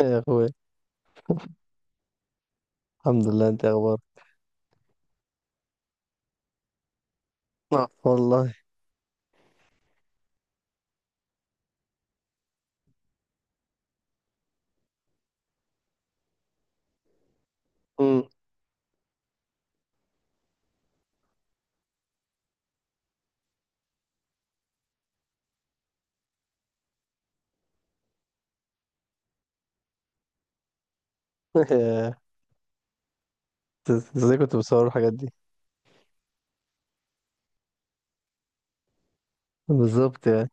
يا اخوي، الحمد لله. انت إيه اخبارك؟ آه. والله. مم. ازاي كنت بصور الحاجات دي؟ بالظبط يعني.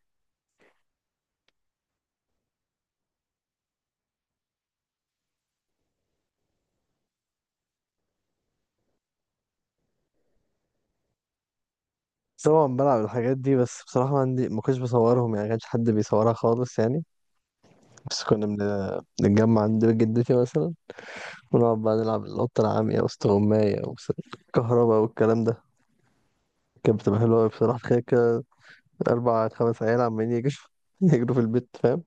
طبعا بلعب الحاجات دي، بس بصراحة ما عندي، ما كنتش بصورهم يعني، ما كانش حد بيصورها خالص يعني. بس كنا بنتجمع عند بيت جدتي مثلا، ونقعد بقى نلعب القطة العامية واستغماية وكهرباء والكلام ده. كانت بتبقى حلوة أوي بصراحة. تخيل كده، أربع خمس عيال عمالين يجروا يجروا في البيت، فاهم؟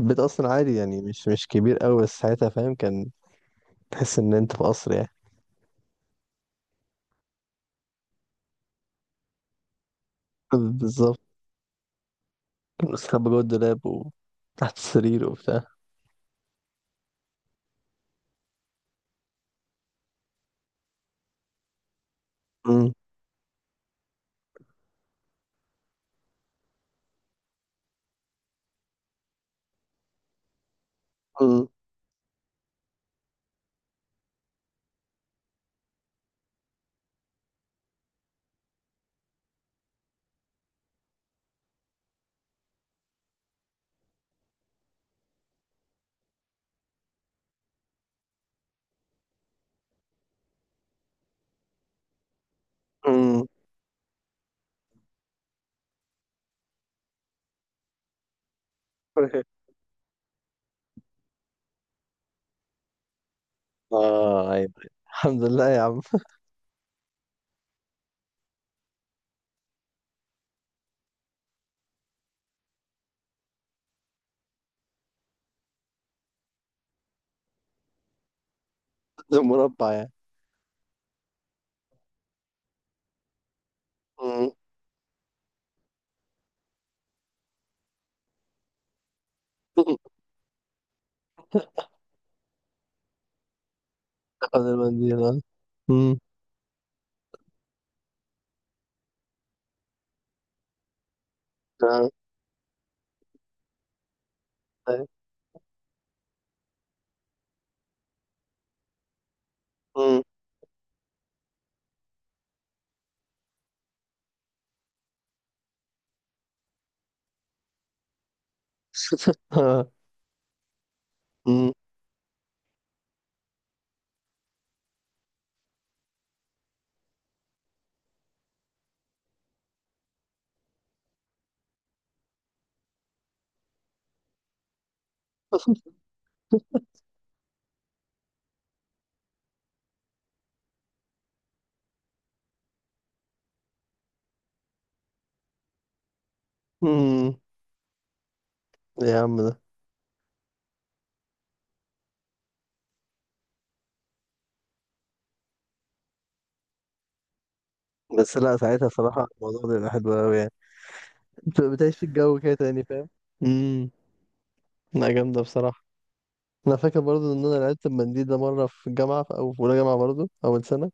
البيت أصلا عادي يعني، مش كبير أوي، بس ساعتها فاهم، كان تحس إن أنت في قصر يعني. بالظبط. بستخبى جوه الدولاب وتحت السرير وبتاع. مم. مم. مم. اه، ايوه. الحمد لله يا عم. ده مربع يعني. مم. تاخد المنديل. آه. مم. آه. أيوة. مم. آه. مم. مم. يا عم ده. بس لا، ساعتها صراحة الموضوع ده بيبقى حلو أوي يعني. بتبقى بتعيش في الجو كده تاني، فاهم؟ امم. لا، جامدة بصراحة. أنا فاكر برضو إن أنا لعبت المنديل ده مرة في الجامعة، أو في أولى جامعة برضو، أول سنة.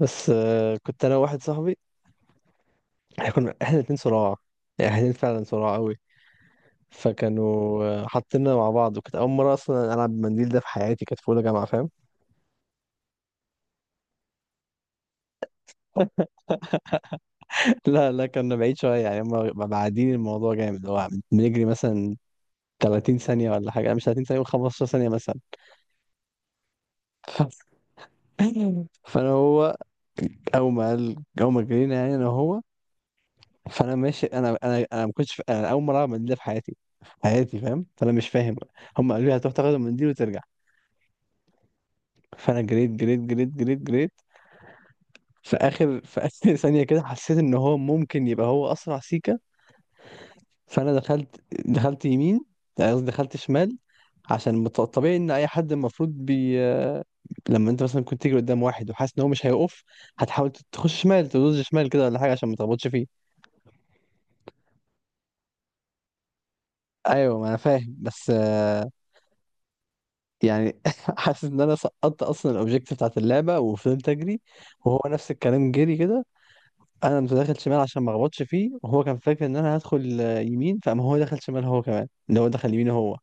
بس كنت أنا وواحد صاحبي. احنا الاتنين صراع، يعني احنا الاتنين فعلا صراع قوي. فكانوا حاطيننا مع بعض، وكانت اول مره اصلا العب بالمنديل ده في حياتي، كانت في اولى جامعه، فاهم؟ لا لا، كنا بعيد شويه يعني. هم بعدين الموضوع جامد، اللي هو بنجري مثلا 30 ثانيه ولا حاجه. انا مش 30 ثانيه، 15 ثانيه مثلا. فانا هو، اول ما جرينا يعني، انا هو، فانا ماشي. انا ما كنتش انا اول مره العب بالمنديل ده في حياتي، في حياتي فاهم، فانا مش فاهم. هم قالوا لي هتروح تاخد المنديل وترجع، فانا جريت جريت جريت جريت جريت. في اخر ثانيه كده، حسيت ان هو ممكن يبقى هو اسرع سيكه. فانا دخلت يمين، يعني قصدي دخلت شمال، عشان طبيعي ان اي حد المفروض بي. لما انت مثلا كنت تيجي قدام واحد وحاسس ان هو مش هيقف، هتحاول تخش شمال، تدوز شمال كده ولا حاجه، عشان ما تخبطش فيه. ايوه، ما انا فاهم، بس يعني حاسس ان انا سقطت اصلا الاوبجيكتيف بتاعت اللعبه، وفضلت اجري. وهو نفس الكلام جري كده. انا كنت داخل شمال عشان ما اخبطش فيه، وهو كان فاكر ان انا هدخل يمين، فقام هو دخل شمال هو كمان، اللي هو دخل يمين هو.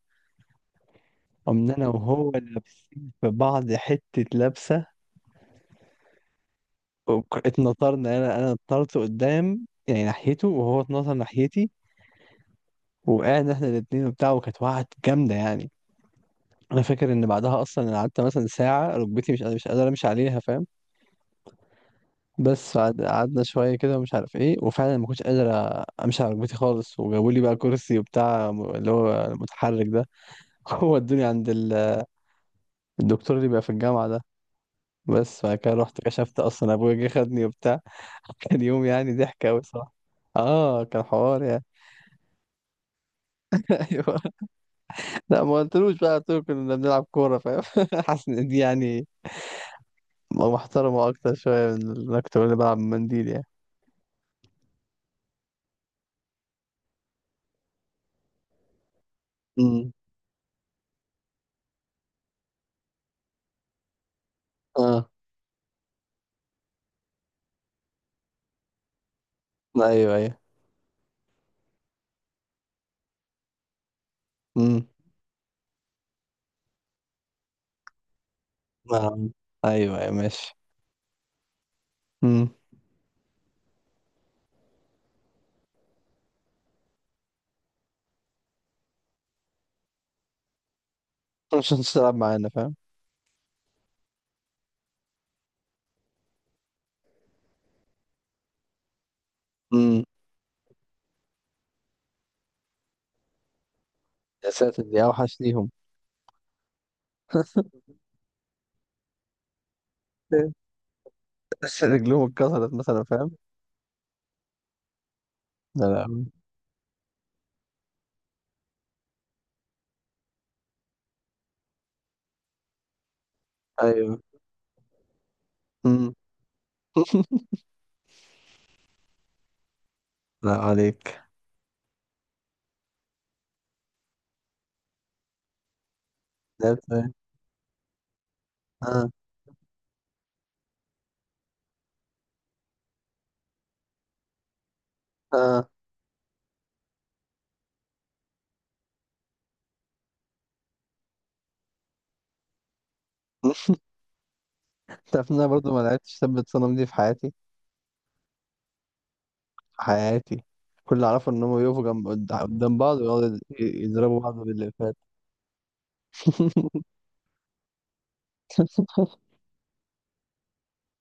قمنا انا وهو لابسين في بعض، حته لبسه. اتنطرنا، انا اتنطرت قدام يعني ناحيته، وهو اتنطر ناحيتي. وقعنا احنا الاتنين وبتاع، وكانت وقعت جامده يعني. انا فاكر ان بعدها اصلا انا قعدت مثلا ساعه ركبتي مش قادر امشي عليها، فاهم؟ بس قعدنا شويه كده، ومش عارف ايه، وفعلا ما كنتش قادر امشي على ركبتي خالص. وجابوا لي بقى كرسي وبتاع، اللي هو متحرك ده. هو ادوني عند الدكتور اللي بيبقى في الجامعة ده. بس بعد كده رحت كشفت اصلا، ابويا جه خدني وبتاع. كان يوم يعني ضحك اوي، صح؟ اه، كان حوار يعني. ايوه. لا، ما قلتلوش بقى، قلت له كنا بنلعب كورة، فاهم؟ حاسس ان دي يعني محترمة اكتر شوية من اللي انا كنت بقول بلعب منديل يعني. امم. اه، ايوه ايوه. امم. آه. ايوه ايوه ماشي. امم. مش هتلعب معانا، فاهم؟ امم. يا ساتر، دي اوحش ليهم. رجلهم اتكسرت مثلا، فاهم؟ لا لا. ايوه. امم. لا عليك. لعبت ايه؟ اه. اه. تعرف ان انا برضه ما لعبتش ثبت صنم دي في حياتي، في حياتي. كل اللي اعرفه ان هم يقفوا جنب قدام بعض، ويقعدوا يضربوا بعض باللفات.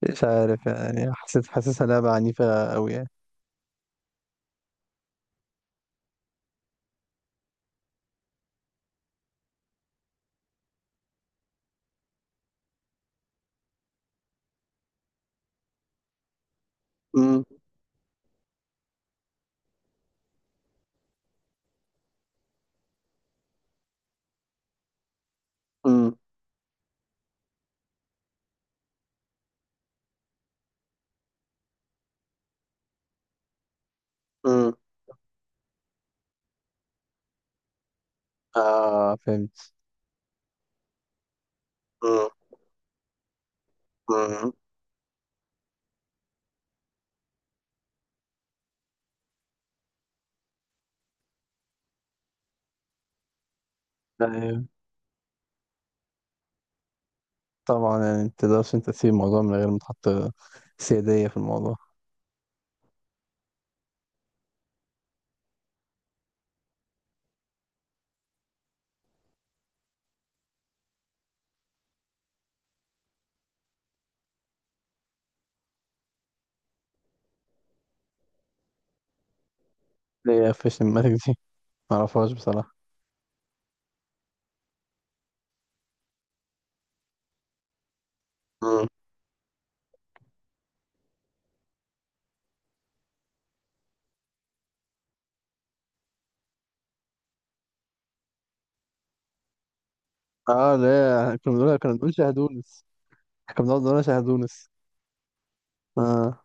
مش عارف يعني، حسيت حاسسها لعبة عنيفة قوي يعني. امم. امم. امم. اه، فهمت. امم. امم. أيوة. طبعا يعني، ما تقدرش انت تسيب الموضوع من غير ما تحط سيادية في الموضوع. اللي هي فيش الماسك دي، ما اعرفهاش بصراحة. اه لا، كنا بنقول شاهدونس. كنا بنقعد نقول شاهدونس. اه.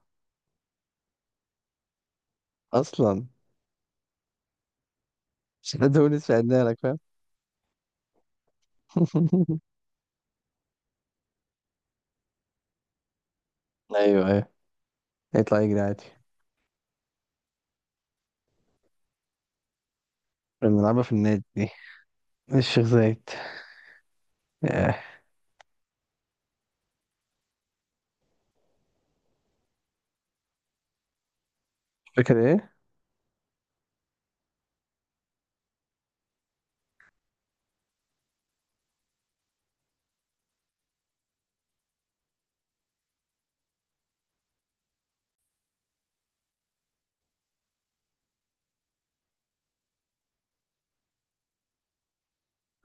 اصلا شاهدونس، شاهدنا لك، فاهم؟ ايوه ايوه. يطلع يجري عادي. كنا بنلعبها في النادي دي، الشيخ زايد. ياه. فاكر ايه؟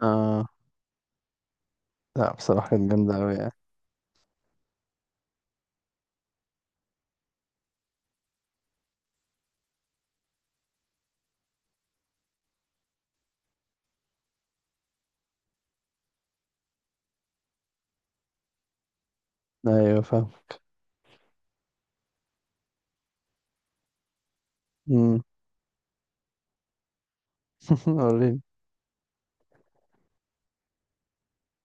اه لا، بصراحة كانت جامدة أوي يعني. ايوه، فاهم. مم. وريني